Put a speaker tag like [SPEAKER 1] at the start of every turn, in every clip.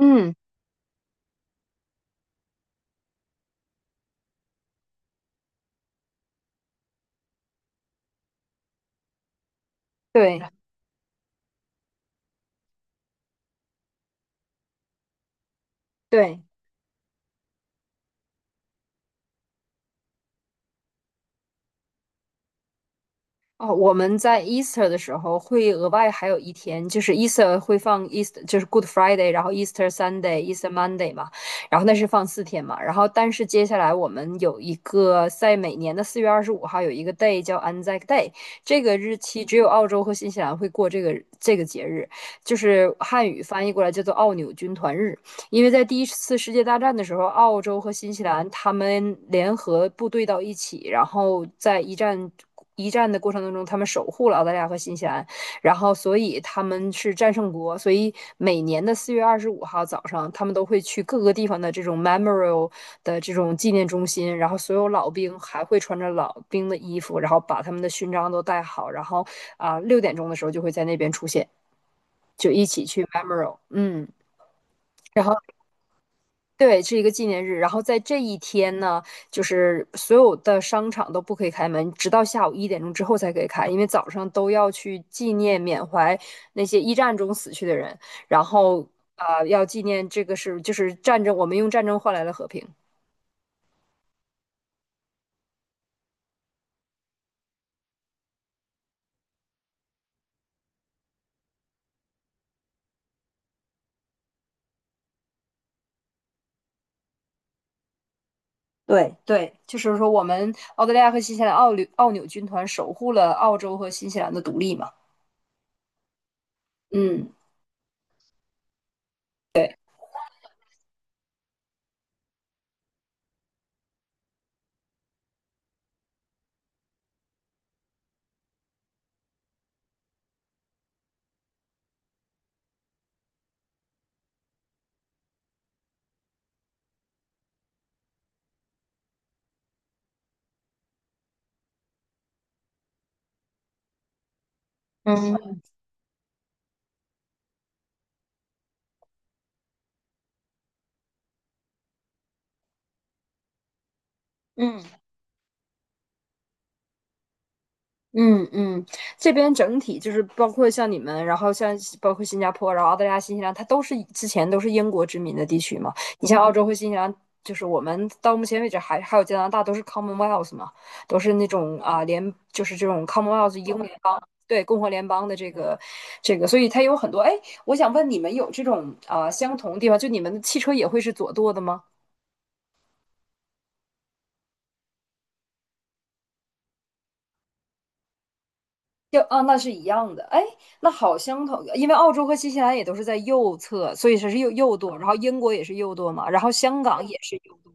[SPEAKER 1] 嗯，对对，哦，我们在 Easter 的时候会额外还有一天，就是 Easter 会放 Easter，就是 Good Friday，然后 Easter Sunday、Easter Monday 嘛，然后那是放4天嘛，然后但是接下来我们有一个在每年的四月二十五号有一个 day 叫 Anzac Day。这个日期只有澳洲和新西兰会过这个节日，就是汉语翻译过来叫做奥纽军团日。因为在第一次世界大战的时候，澳洲和新西兰他们联合部队到一起，然后在一战的过程当中，他们守护了澳大利亚和新西兰，然后所以他们是战胜国。所以每年的四月二十五号早上，他们都会去各个地方的这种 memorial 的这种纪念中心，然后所有老兵还会穿着老兵的衣服，然后把他们的勋章都戴好，然后6点钟的时候就会在那边出现，就一起去 memorial，嗯。然后对，是一个纪念日。然后在这一天呢，就是所有的商场都不可以开门，直到下午1点钟之后才可以开，因为早上都要去纪念缅怀那些一战中死去的人，然后要纪念这个是就是战争，我们用战争换来了和平。对，对，就是说我们澳大利亚和新西兰澳纽军团守护了澳洲和新西兰的独立嘛。嗯，对，嗯嗯。嗯嗯，这边整体就是包括像你们，然后像包括新加坡，然后澳大利亚、新西兰，它都是之前都是英国殖民的地区嘛。你像澳洲和新西兰，就是我们到目前为止还有加拿大都是 Commonwealth 嘛，都是那种啊联，就是这种 Commonwealth 英联邦，对，共和联邦的这个这个，所以它有很多。哎，我想问你们有这种啊、相同的地方，就你们的汽车也会是左舵的吗？就啊，那是一样的。哎，那好相同，因为澳洲和新西兰也都是在右侧，所以它是右舵。然后英国也是右舵嘛，然后香港也是右舵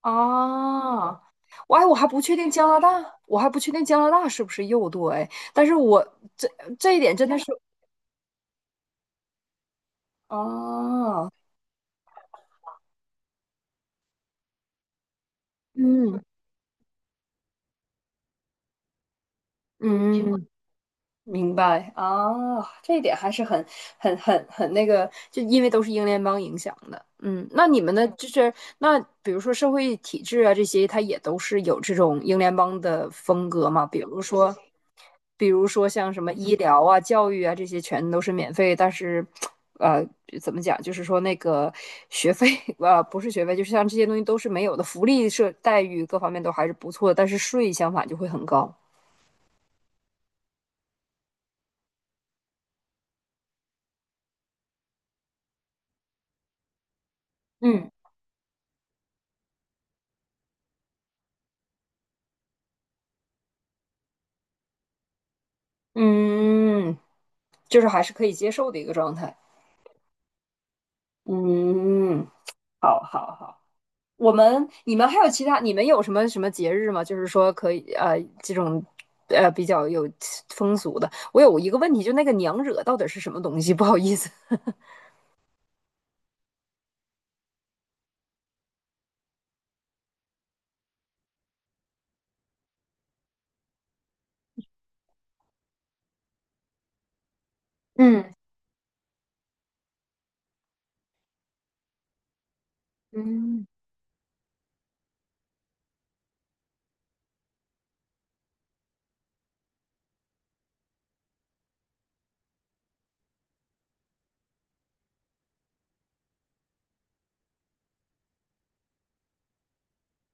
[SPEAKER 1] 啊。我哎，我还不确定加拿大，我还不确定加拿大是不是右舵哎，但是我这这一点真的是啊，嗯嗯明白啊。这一点还是很那个，就因为都是英联邦影响的。嗯，那你们的嗯就是那，比如说社会体制啊这些，它也都是有这种英联邦的风格嘛？比如说，比如说像什么医疗啊、教育啊这些，全都是免费，但是，呃，怎么讲？就是说那个学费，不是学费，就是像这些东西都是没有的，福利是待遇各方面都还是不错的，但是税相反就会很高。嗯。嗯，就是还是可以接受的一个状态。嗯，好好好。你们还有其他你们有什么什么节日吗？就是说可以这种比较有风俗的。我有一个问题，就那个娘惹到底是什么东西？不好意思。嗯嗯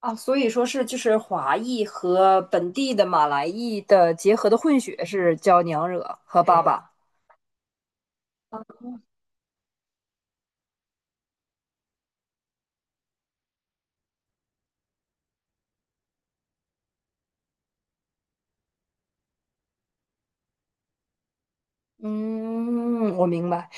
[SPEAKER 1] 啊，所以说是就是华裔和本地的马来裔的结合的混血是叫娘惹和爸爸。嗯，我明白。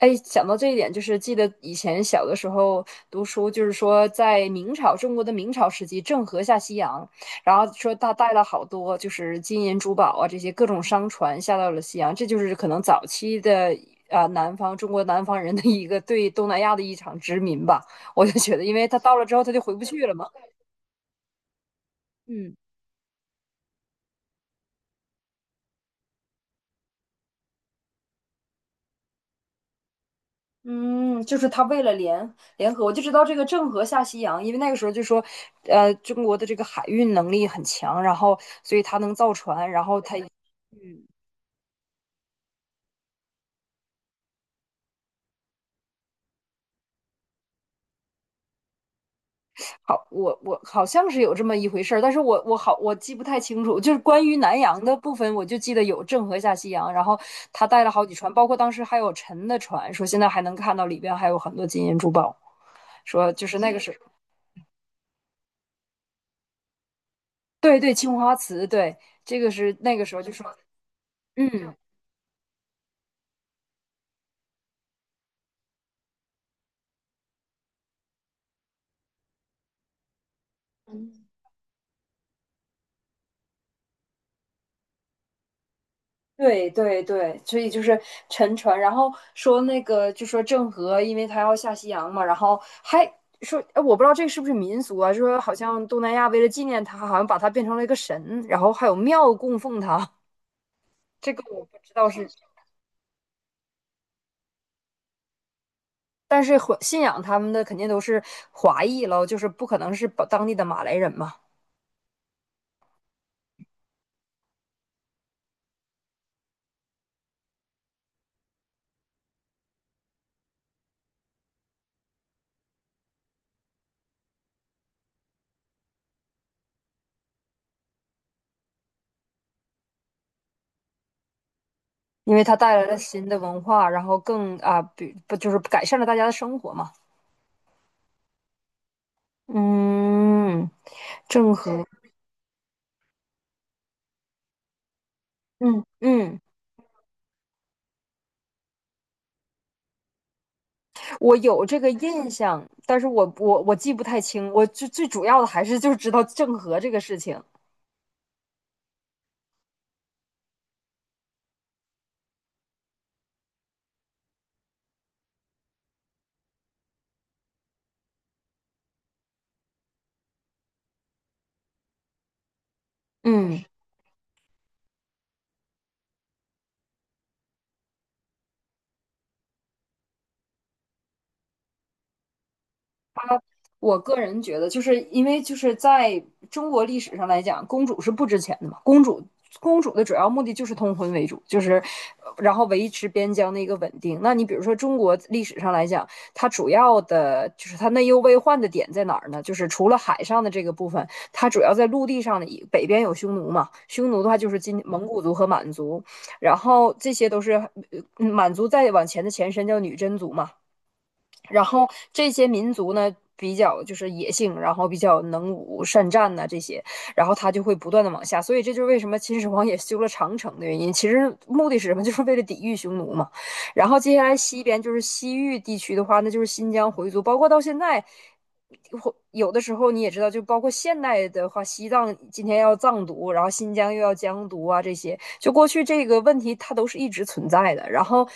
[SPEAKER 1] 哎，想到这一点，就是记得以前小的时候读书，就是说在明朝中国的明朝时期，郑和下西洋，然后说他带了好多就是金银珠宝啊这些各种商船下到了西洋，这就是可能早期的啊、南方中国南方人的一个对东南亚的一场殖民吧。我就觉得，因为他到了之后他就回不去了嘛。嗯嗯，就是他为了联合，我就知道这个郑和下西洋，因为那个时候就说，中国的这个海运能力很强，然后所以他能造船，然后他，嗯，好，我好像是有这么一回事儿，但是我记不太清楚，就是关于南洋的部分，我就记得有郑和下西洋，然后他带了好几船，包括当时还有沉的船，说现在还能看到里边还有很多金银珠宝，说就是那个是，对对，青花瓷，对，这个是那个时候就说，嗯。对对对，所以就是沉船，然后说那个就说郑和，因为他要下西洋嘛，然后还说，哎，我不知道这个是不是民俗啊，就说好像东南亚为了纪念他，好像把他变成了一个神，然后还有庙供奉他，这个我不知道是 但是华信仰他们的肯定都是华裔喽，就是不可能是把当地的马来人嘛，因为他带来了新的文化，然后更啊，比不就是改善了大家的生活嘛，嗯，郑和，嗯嗯。我有这个印象，但是我记不太清，我最主要的还是就是知道郑和这个事情。嗯，我个人觉得，就是因为就是在中国历史上来讲，公主是不值钱的嘛。公主的主要目的就是通婚为主，就是然后维持边疆的一个稳定。那你比如说中国历史上来讲，它主要的就是它内忧外患的点在哪儿呢？就是除了海上的这个部分，它主要在陆地上的一北边有匈奴嘛，匈奴的话就是今蒙古族和满族，然后这些都是满族再往前的前身叫女真族嘛，然后这些民族呢比较就是野性，然后比较能武善战呐、啊这些，然后他就会不断的往下，所以这就是为什么秦始皇也修了长城的原因。其实目的是什么？就是为了抵御匈奴嘛。然后接下来西边就是西域地区的话，那就是新疆回族，包括到现在。或有的时候你也知道，就包括现代的话，西藏今天要藏独，然后新疆又要疆独啊，这些就过去这个问题，它都是一直存在的。然后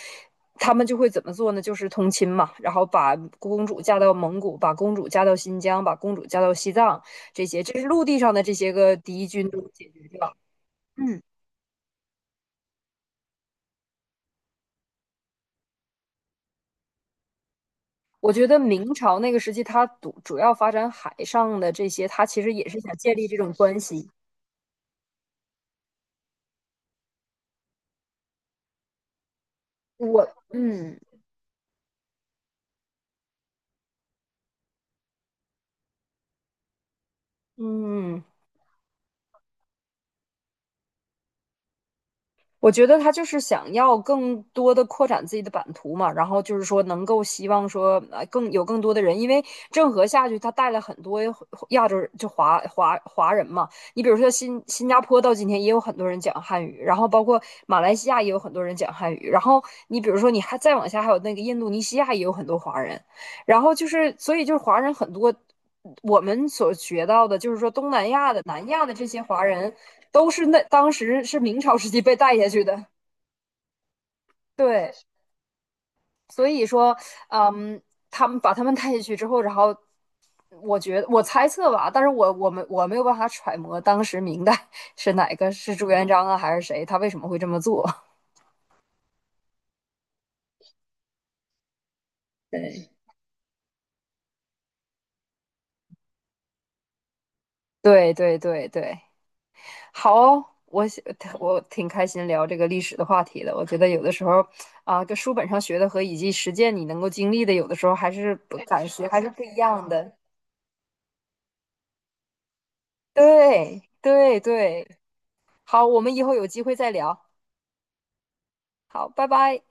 [SPEAKER 1] 他们就会怎么做呢？就是通亲嘛，然后把公主嫁到蒙古，把公主嫁到新疆，把公主嫁到西藏，这些这是陆地上的这些个敌军都解决掉。嗯，我觉得明朝那个时期，它主要发展海上的这些，它其实也是想建立这种关系。我嗯嗯。我觉得他就是想要更多的扩展自己的版图嘛，然后就是说能够希望说更有更多的人，因为郑和下去他带了很多亚洲就华人嘛，你比如说新加坡到今天也有很多人讲汉语，然后包括马来西亚也有很多人讲汉语，然后你比如说你还再往下还有那个印度尼西亚也有很多华人，然后就是，所以就是华人很多。我们所学到的，就是说东南亚的、南亚的这些华人，都是那当时是明朝时期被带下去的。对，所以说，嗯，他们把他们带下去之后，然后我觉得我猜测吧，但是我没有办法揣摩当时明代 是哪个是朱元璋啊，还是谁，他为什么会这么做？对对对对对，好哦我挺开心聊这个历史的话题的。我觉得有的时候啊，跟书本上学的和以及实践你能够经历的，有的时候还是不感觉还是不一样的。对对对，好，我们以后有机会再聊。好，拜拜。